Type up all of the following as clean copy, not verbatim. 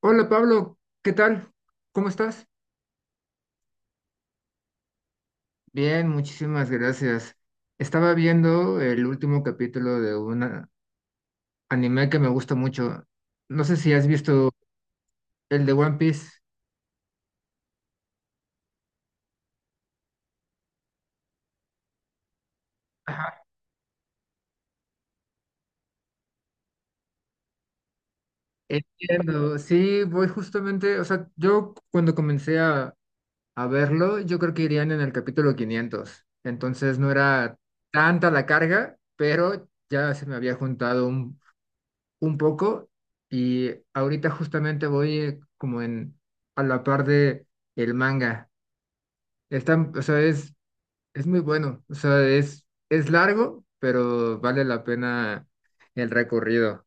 Hola Pablo, ¿qué tal? ¿Cómo estás? Bien, muchísimas gracias. Estaba viendo el último capítulo de un anime que me gusta mucho. No sé si has visto el de One Piece. Ajá. Entiendo, sí, voy justamente, o sea, yo cuando comencé a verlo, yo creo que irían en el capítulo 500. Entonces no era tanta la carga, pero ya se me había juntado un poco y ahorita justamente voy como en a la par de el manga. Está, o sea, es muy bueno, o sea, es largo, pero vale la pena el recorrido.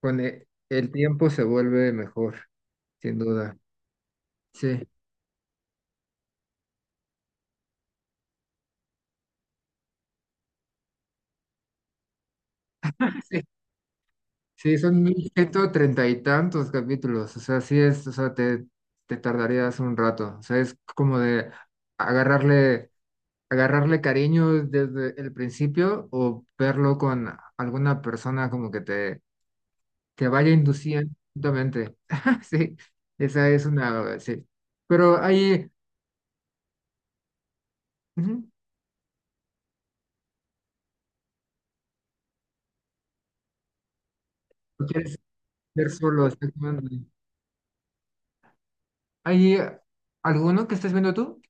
Con el, tiempo se vuelve mejor, sin duda. Sí, sí, sí, son 1130 y tantos capítulos, o sea, sí es, o sea, te tardarías un rato, o sea, es como de agarrarle agarrarle cariño desde el principio o verlo con alguna persona como que te vaya induciendo lentamente. Sí, esa es una, sí. Pero ahí, ujú, lo quieres ver solo, exactamente. ¿Hay alguno que estés viendo tú?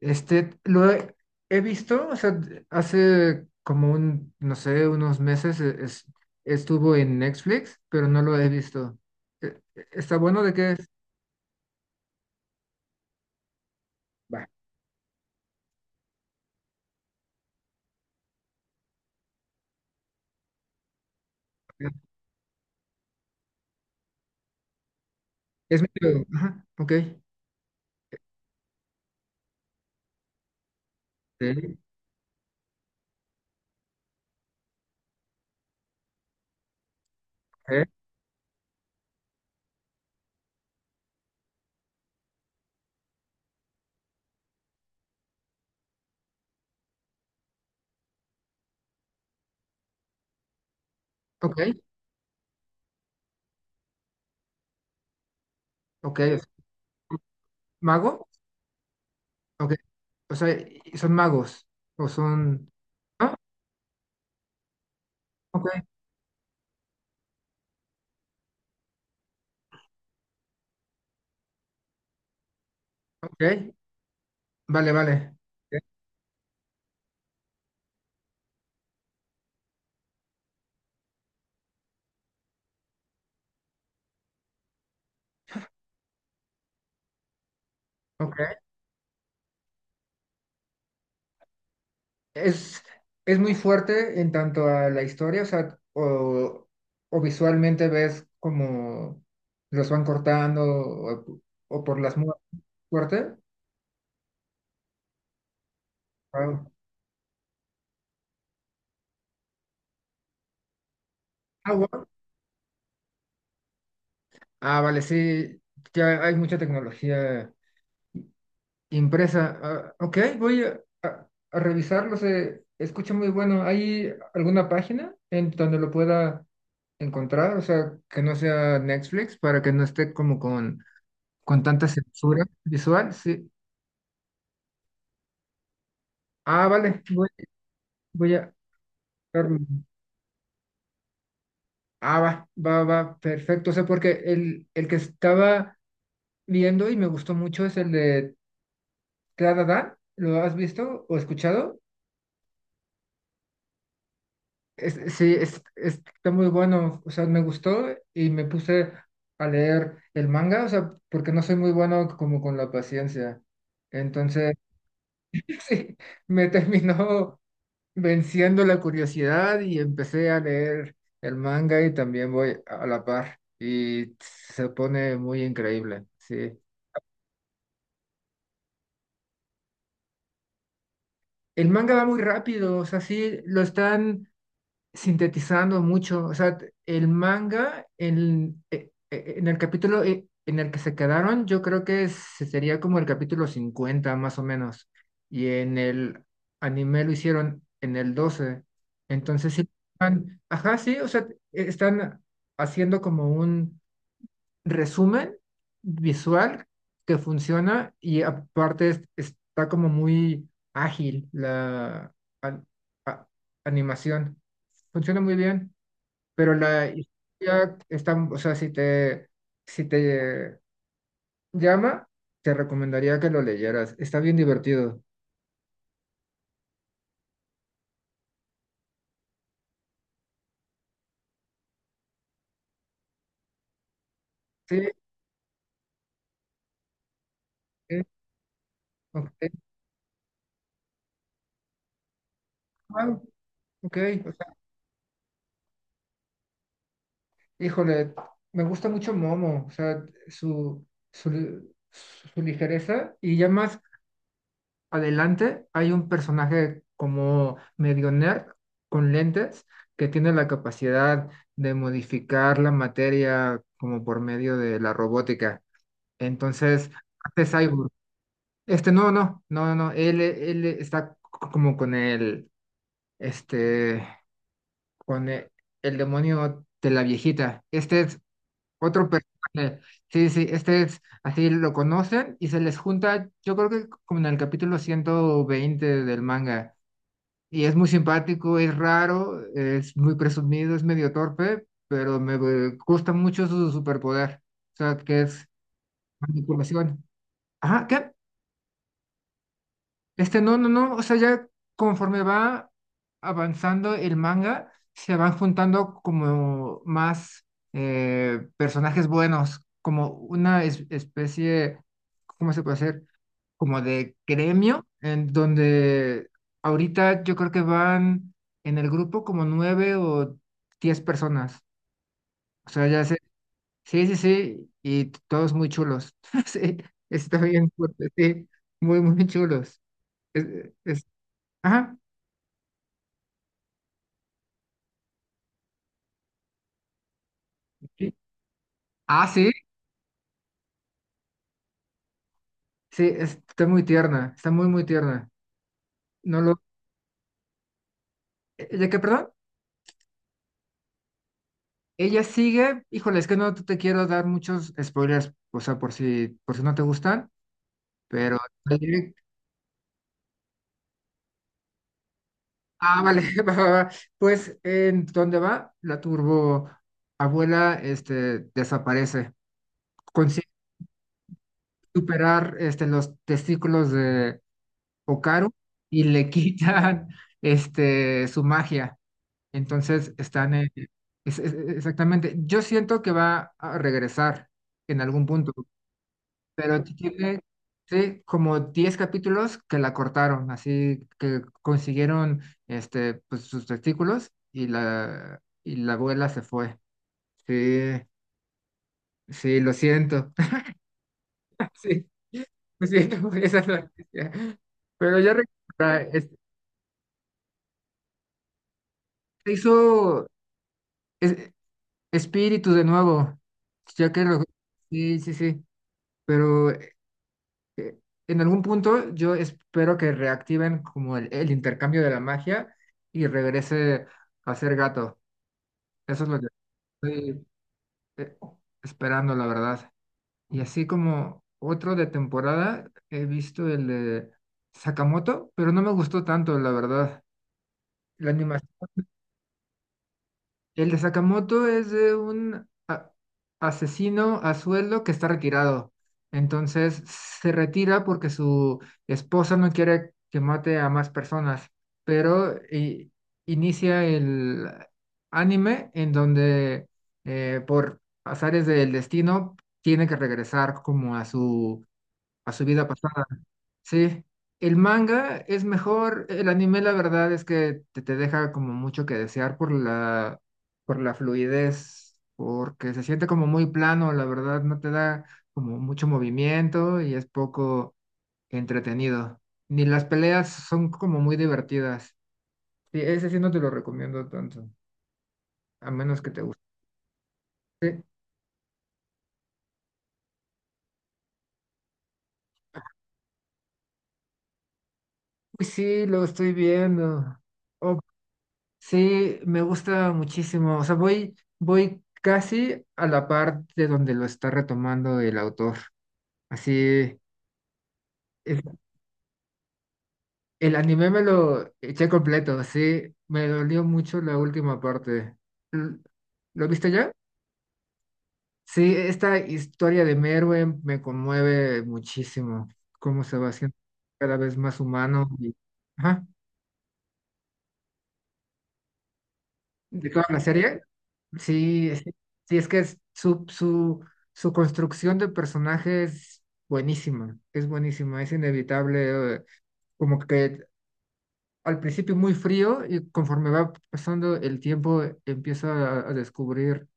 Este, he visto, o sea, hace como un, no sé, unos meses estuvo en Netflix, pero no lo he visto. ¿Está bueno? ¿De qué es? Va. Es medio, ajá, ok, sí, ok, ok, ok, o sea, mago, ok, o sea, y- son magos, o son, ah, ok, ok, vale, vale, ok, es, es muy fuerte en tanto a la historia, o sea, o visualmente ves como los van cortando, o por las muertes, fuerte, wao. Ah, guau. Ah, vale, sí, ya hay mucha tecnología impresa. Ah, ok, voy a revisarlo. Se escucha muy bueno. ¿Hay alguna página en donde lo pueda encontrar? O sea, que no sea Netflix para que no esté como con tanta censura visual. Sí. Ah, vale. Voy a... Ah, va, va, va. Perfecto. O sea, porque el que estaba viendo y me gustó mucho es el de Tradada. ¿Lo has visto o escuchado? Sí, está muy bueno, o sea, me gustó y me puse a leer el manga, o sea, porque no soy muy bueno como con la paciencia. Entonces, sí, me terminó venciendo la curiosidad y empecé a leer el manga y también voy a la par y se pone muy increíble, sí. El manga va muy rápido, o sea, sí, lo están sintetizando mucho. O sea, el manga, en, en el capítulo en el que se quedaron, yo creo que sería como el capítulo 50 más o menos. Y en el anime lo hicieron en el 12. Entonces, sí, ajá, sí, o sea, están haciendo como un resumen visual que funciona y aparte está como muy ágil la an- a- animación. Funciona muy bien, pero la historia está, o sea, si te llama, te recomendaría que lo leyeras. Está bien divertido. Sí, sí, ok, wow, ok, o sea, híjole, me gusta mucho Momo, o sea, su ligereza y ya más adelante hay un personaje como medio nerd con lentes que tiene la capacidad de modificar la materia como por medio de la robótica. Entonces, este cyborg, este no, no, no, no, él está como con el, este, con el, demonio de la viejita. Este es otro personaje. Sí, sí, este es, así lo conocen y se les junta, yo creo que como en el capítulo 120 del manga y es muy simpático, es raro, es muy presumido, es medio torpe, pero me gusta mucho su superpoder. O sea, que es manipulación. Ajá, ¿qué? Este, no, no, no. O sea, ya conforme va avanzando el manga, se van juntando como más personajes buenos, como una especie, ¿cómo se puede hacer? Como de gremio, en donde ahorita yo creo que van en el grupo como nueve o 10 personas. O sea, ya sé, sí, sí, sí, y todos muy chulos. Sí, está bien fuerte, sí, muy, muy chulos. Es, es- ajá. Sí. Ah, sí, sí, está muy tierna, está muy, muy tierna. No lo, ¿de qué, perdón? Ella sigue, híjole, es que no te quiero dar muchos spoilers, o sea, por si no te gustan, pero ah, vale, va, va, va. Pues en dónde va, la turbo abuela este, desaparece. Consigue superar este, los testículos de Okaru y le quitan este, su magia. Entonces están exactamente. Yo siento que va a regresar en algún punto. Pero tiene sí, como 10 capítulos que la cortaron, así que consiguieron este, pues, sus testículos y y la abuela se fue. Sí, sí, lo siento. Sí, lo siento por esa noticia. Pero ya recupera, se hizo es- espíritu de nuevo, ya que lo... Sí, sí, sí, pero en algún punto yo espero que reactiven como el intercambio de la magia y regrese a ser gato. Eso es lo que estoy eh, esperando, la verdad. Y así como otro de temporada, he visto el de Sakamoto, pero no me gustó tanto, la verdad. La animación. El de Sakamoto es de un asesino a sueldo que está retirado. Entonces se retira porque su esposa no quiere que mate a más personas, pero inicia el anime en donde por azares del destino tiene que regresar como a a su vida pasada. Sí, el manga es mejor, el anime la verdad es que te deja como mucho que desear por por la fluidez, porque se siente como muy plano, la verdad no te da como mucho movimiento y es poco entretenido. Ni las peleas son como muy divertidas. Sí, ese sí no te lo recomiendo tanto, a menos que te guste. Sí, uy, sí, lo estoy viendo. Oh, sí, me gusta muchísimo. O sea, voy casi a la parte donde lo está retomando el autor. Así, el, el anime me lo eché completo, sí. Me dolió mucho la última parte. L- ¿Lo viste ya? Sí, esta historia de Merwin me conmueve muchísimo. Cómo se va haciendo cada vez más humano. Y- ajá. ¿De toda la serie? Sí, sí, es que es su construcción de personaje es buenísima, es buenísima, es inevitable, como que al principio muy frío y conforme va pasando el tiempo empieza a descubrir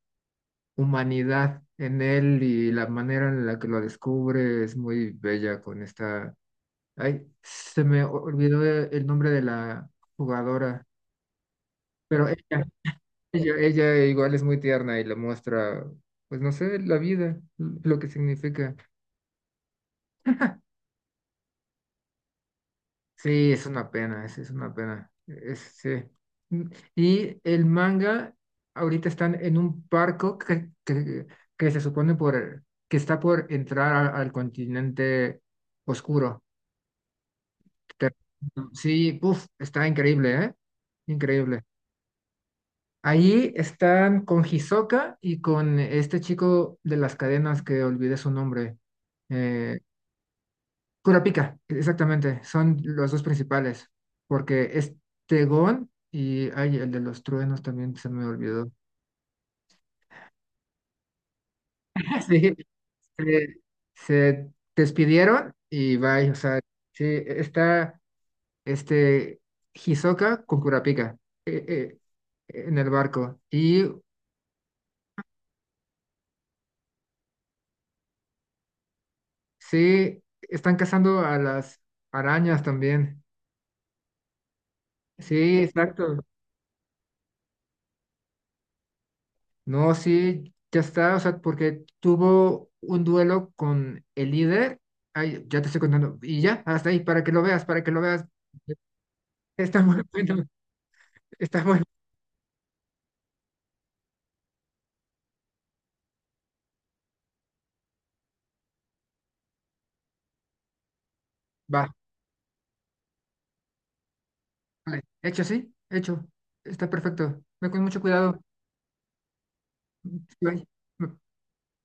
humanidad en él y la manera en la que lo descubre es muy bella con esta... Ay, se me olvidó el nombre de la jugadora, pero ella igual es muy tierna y le muestra, pues no sé, la vida, lo que significa. Sí, es una pena, es una pena. Es, sí. Mm, y el manga, ahorita están en un barco que se supone por, que está por entrar al continente oscuro. Te- sí, puf, está increíble, ¿eh? Increíble. Allí están con Hisoka y con este chico de las cadenas que olvidé su nombre. Eh, Kurapika, exactamente, son los dos principales, porque este Gon y ay, el de los truenos también se me olvidó. Sí, se, se despidieron y bye, o sea, sí, está este Hisoka con Kurapika eh, eh, en el barco y sí, están cazando a las arañas también. Sí, exacto. No, sí, ya está, o sea, porque tuvo un duelo con el líder. Ay, ya te estoy contando. Y ya, hasta ahí, para que lo veas, para que lo veas. Está muy bueno, está bueno. Va, vale. Hecho, sí, hecho. Está perfecto. Ve con mucho cuidado. Bye.